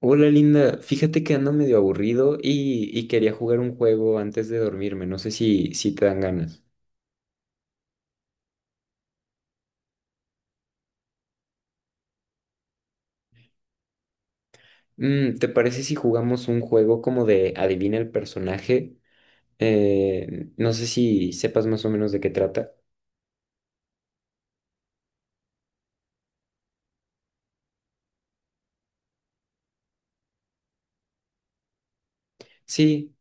Hola Linda, fíjate que ando medio aburrido y quería jugar un juego antes de dormirme, no sé si te dan ganas. Mm, ¿te parece si jugamos un juego como de adivina el personaje? No sé si sepas más o menos de qué trata. Sí,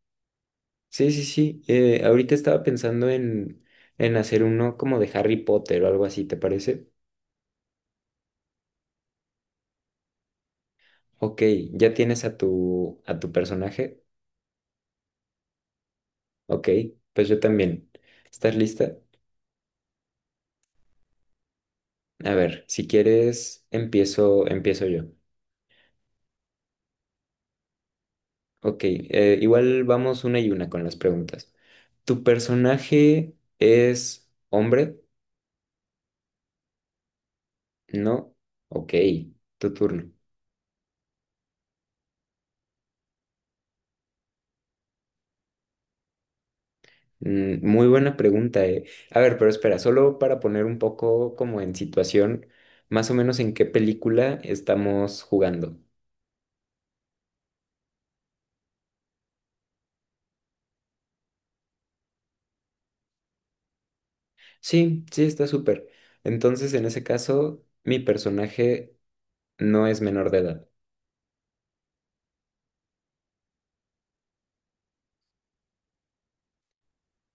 sí, sí, sí. Ahorita estaba pensando en hacer uno como de Harry Potter o algo así, ¿te parece? Ok, ¿ya tienes a tu personaje? Ok, pues yo también. ¿Estás lista? A ver, si quieres, empiezo yo. Ok, igual vamos una y una con las preguntas. ¿Tu personaje es hombre? No. Ok, tu turno. Mm, muy buena pregunta, eh. A ver, pero espera, solo para poner un poco como en situación, más o menos en qué película estamos jugando. Sí, sí, está súper. Entonces, en ese caso, mi personaje no es menor de edad.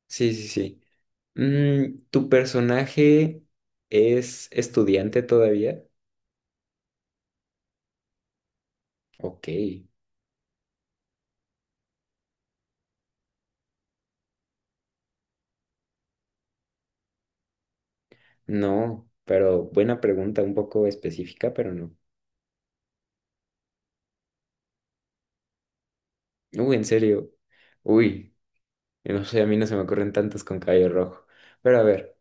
Sí, sí, sí. Mm, ¿tu personaje es estudiante todavía? Ok, no, pero buena pregunta, un poco específica, pero no. Uy, en serio. Uy, no sé, a mí no se me ocurren tantos con cabello rojo. Pero a ver,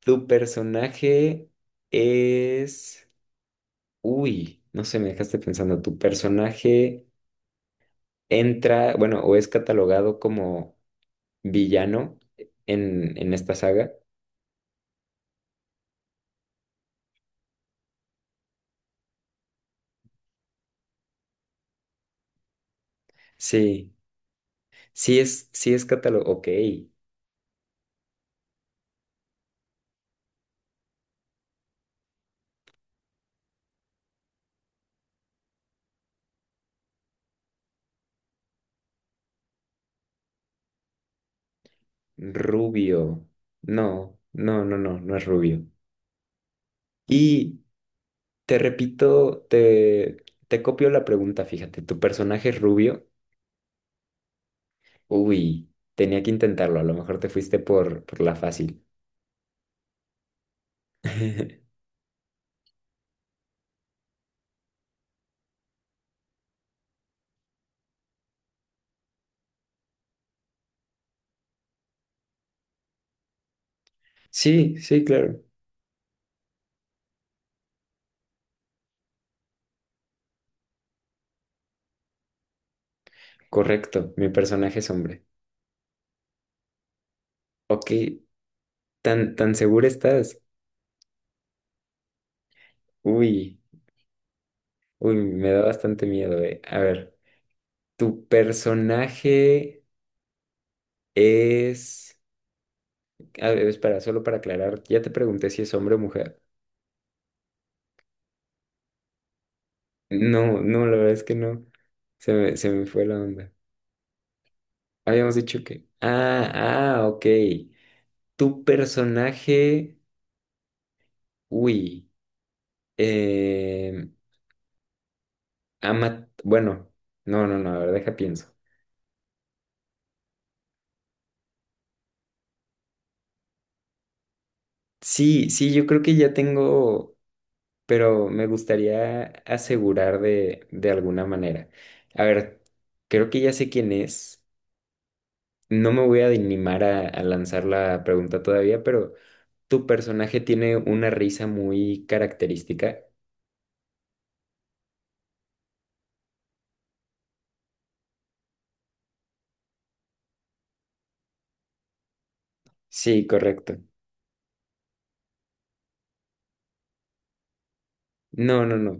¿tu personaje es... Uy, no sé, me dejaste pensando, ¿tu personaje entra, bueno, o es catalogado como villano en esta saga? Sí. Sí es catálogo, ok. Rubio. No, no, no, no, no es rubio. Y te repito, te copio la pregunta, fíjate, ¿tu personaje es rubio? Uy, tenía que intentarlo, a lo mejor te fuiste por la fácil. Sí, sí, claro. Correcto, mi personaje es hombre. Ok, ¿tan segura estás? Uy, uy, me da bastante miedo, eh. A ver, ¿tu personaje es... A ver, espera, solo para aclarar, ya te pregunté si es hombre o mujer. No, no, la verdad es que no. Se me fue la onda. Habíamos dicho que. Ah, ah, ok. Tu personaje. Uy. Eh, Ama. Bueno, no, no, no, a ver, deja pienso. Sí, sí, yo creo que ya tengo. Pero me gustaría asegurar de alguna manera. A ver, creo que ya sé quién es. No me voy a animar a lanzar la pregunta todavía, pero. Tu personaje tiene una risa muy característica. Sí, correcto. No, no, no.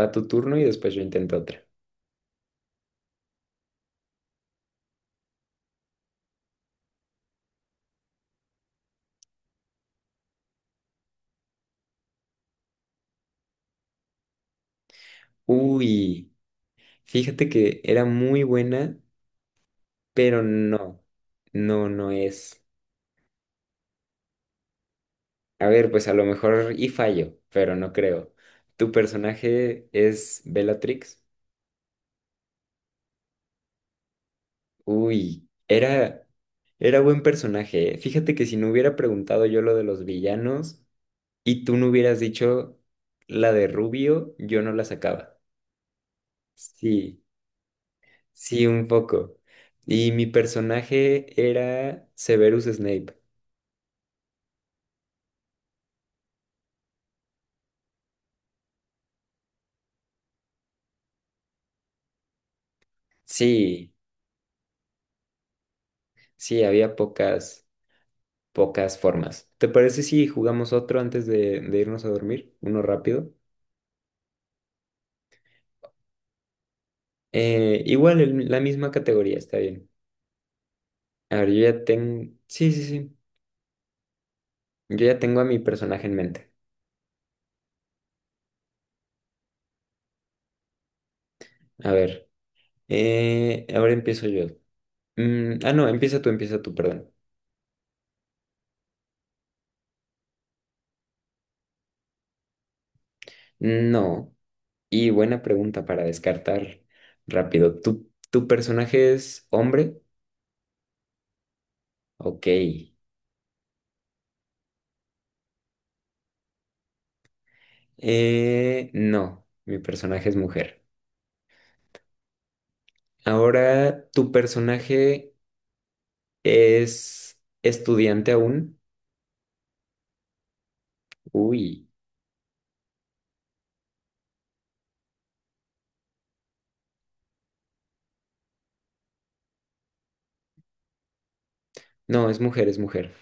Va tu turno y después yo intento otra. Uy, fíjate que era muy buena, pero no. No, no es. A ver, pues a lo mejor y fallo, pero no creo. ¿Tu personaje es Bellatrix? Uy, era, era buen personaje. ¿Eh? Fíjate que si no hubiera preguntado yo lo de los villanos. Y tú no hubieras dicho la de Rubio, yo no la sacaba. Sí, sí, un poco. Y mi personaje era Severus Snape. Sí, sí, había pocas, pocas formas. ¿Te parece si jugamos otro antes de irnos a dormir? Uno rápido. Igual, la misma categoría, está bien. A ver, yo ya tengo... Sí, sí, sí. Yo ya tengo a mi personaje en mente. A ver, ahora empiezo yo. Mm, ah, no, empieza tú, perdón. No. Y buena pregunta para descartar rápido. ¿Tu personaje es hombre? Ok. No, mi personaje es mujer. Ahora, ¿tu personaje es estudiante aún? Uy, no, es mujer, es mujer.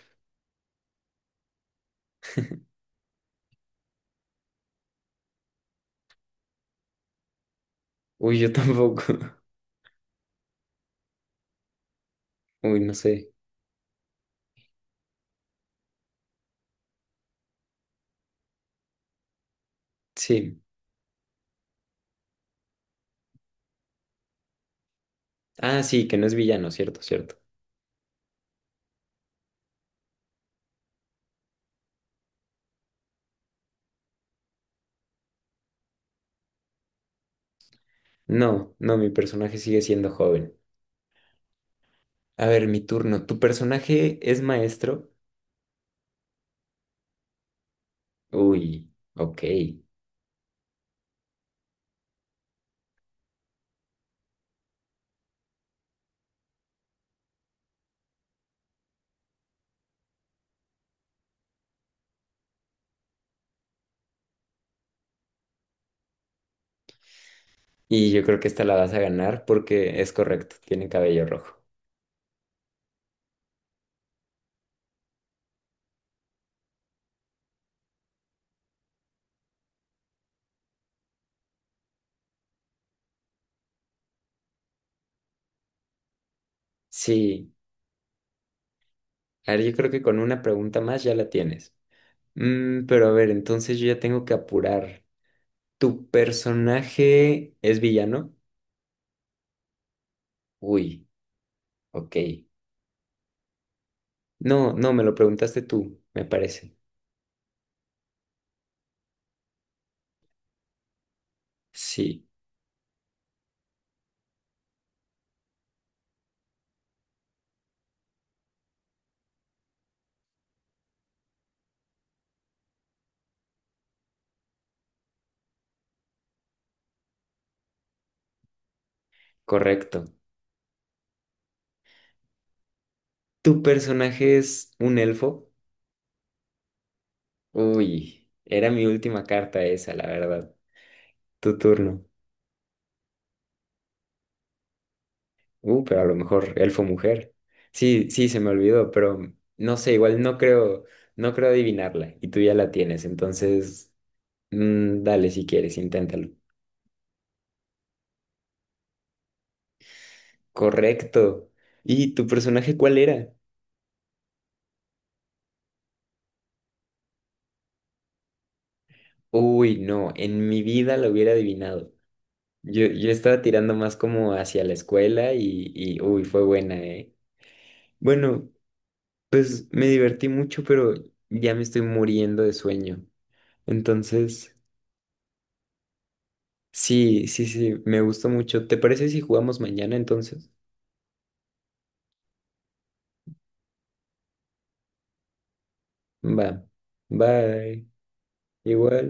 Uy, yo tampoco. Uy, no sé. Sí. Ah, sí, que no es villano, cierto, cierto. No, no, mi personaje sigue siendo joven. A ver, mi turno. ¿Tu personaje es maestro? Uy, ok. Y yo creo que esta la vas a ganar porque es correcto, tiene cabello rojo. Sí, a ver, yo creo que con una pregunta más ya la tienes. Mm, pero a ver, entonces yo ya tengo que apurar. ¿Tu personaje es villano? Uy, ok. No, no, me lo preguntaste tú, me parece. Sí, correcto. ¿Tu personaje es un elfo? Uy, era mi última carta esa, la verdad. Tu turno. Pero a lo mejor elfo mujer. Sí, sí, se me olvidó, pero no sé, igual no creo, no creo adivinarla y tú ya la tienes, entonces mm, dale si quieres, inténtalo. Correcto. ¿Y tu personaje cuál era? Uy, no, en mi vida lo hubiera adivinado. Yo estaba tirando más como hacia la escuela y uy, fue buena, ¿eh? Bueno, pues me divertí mucho, pero ya me estoy muriendo de sueño. Entonces... Sí, sí, sí, me gustó mucho. ¿Te parece si jugamos mañana entonces? Va, bye, igual.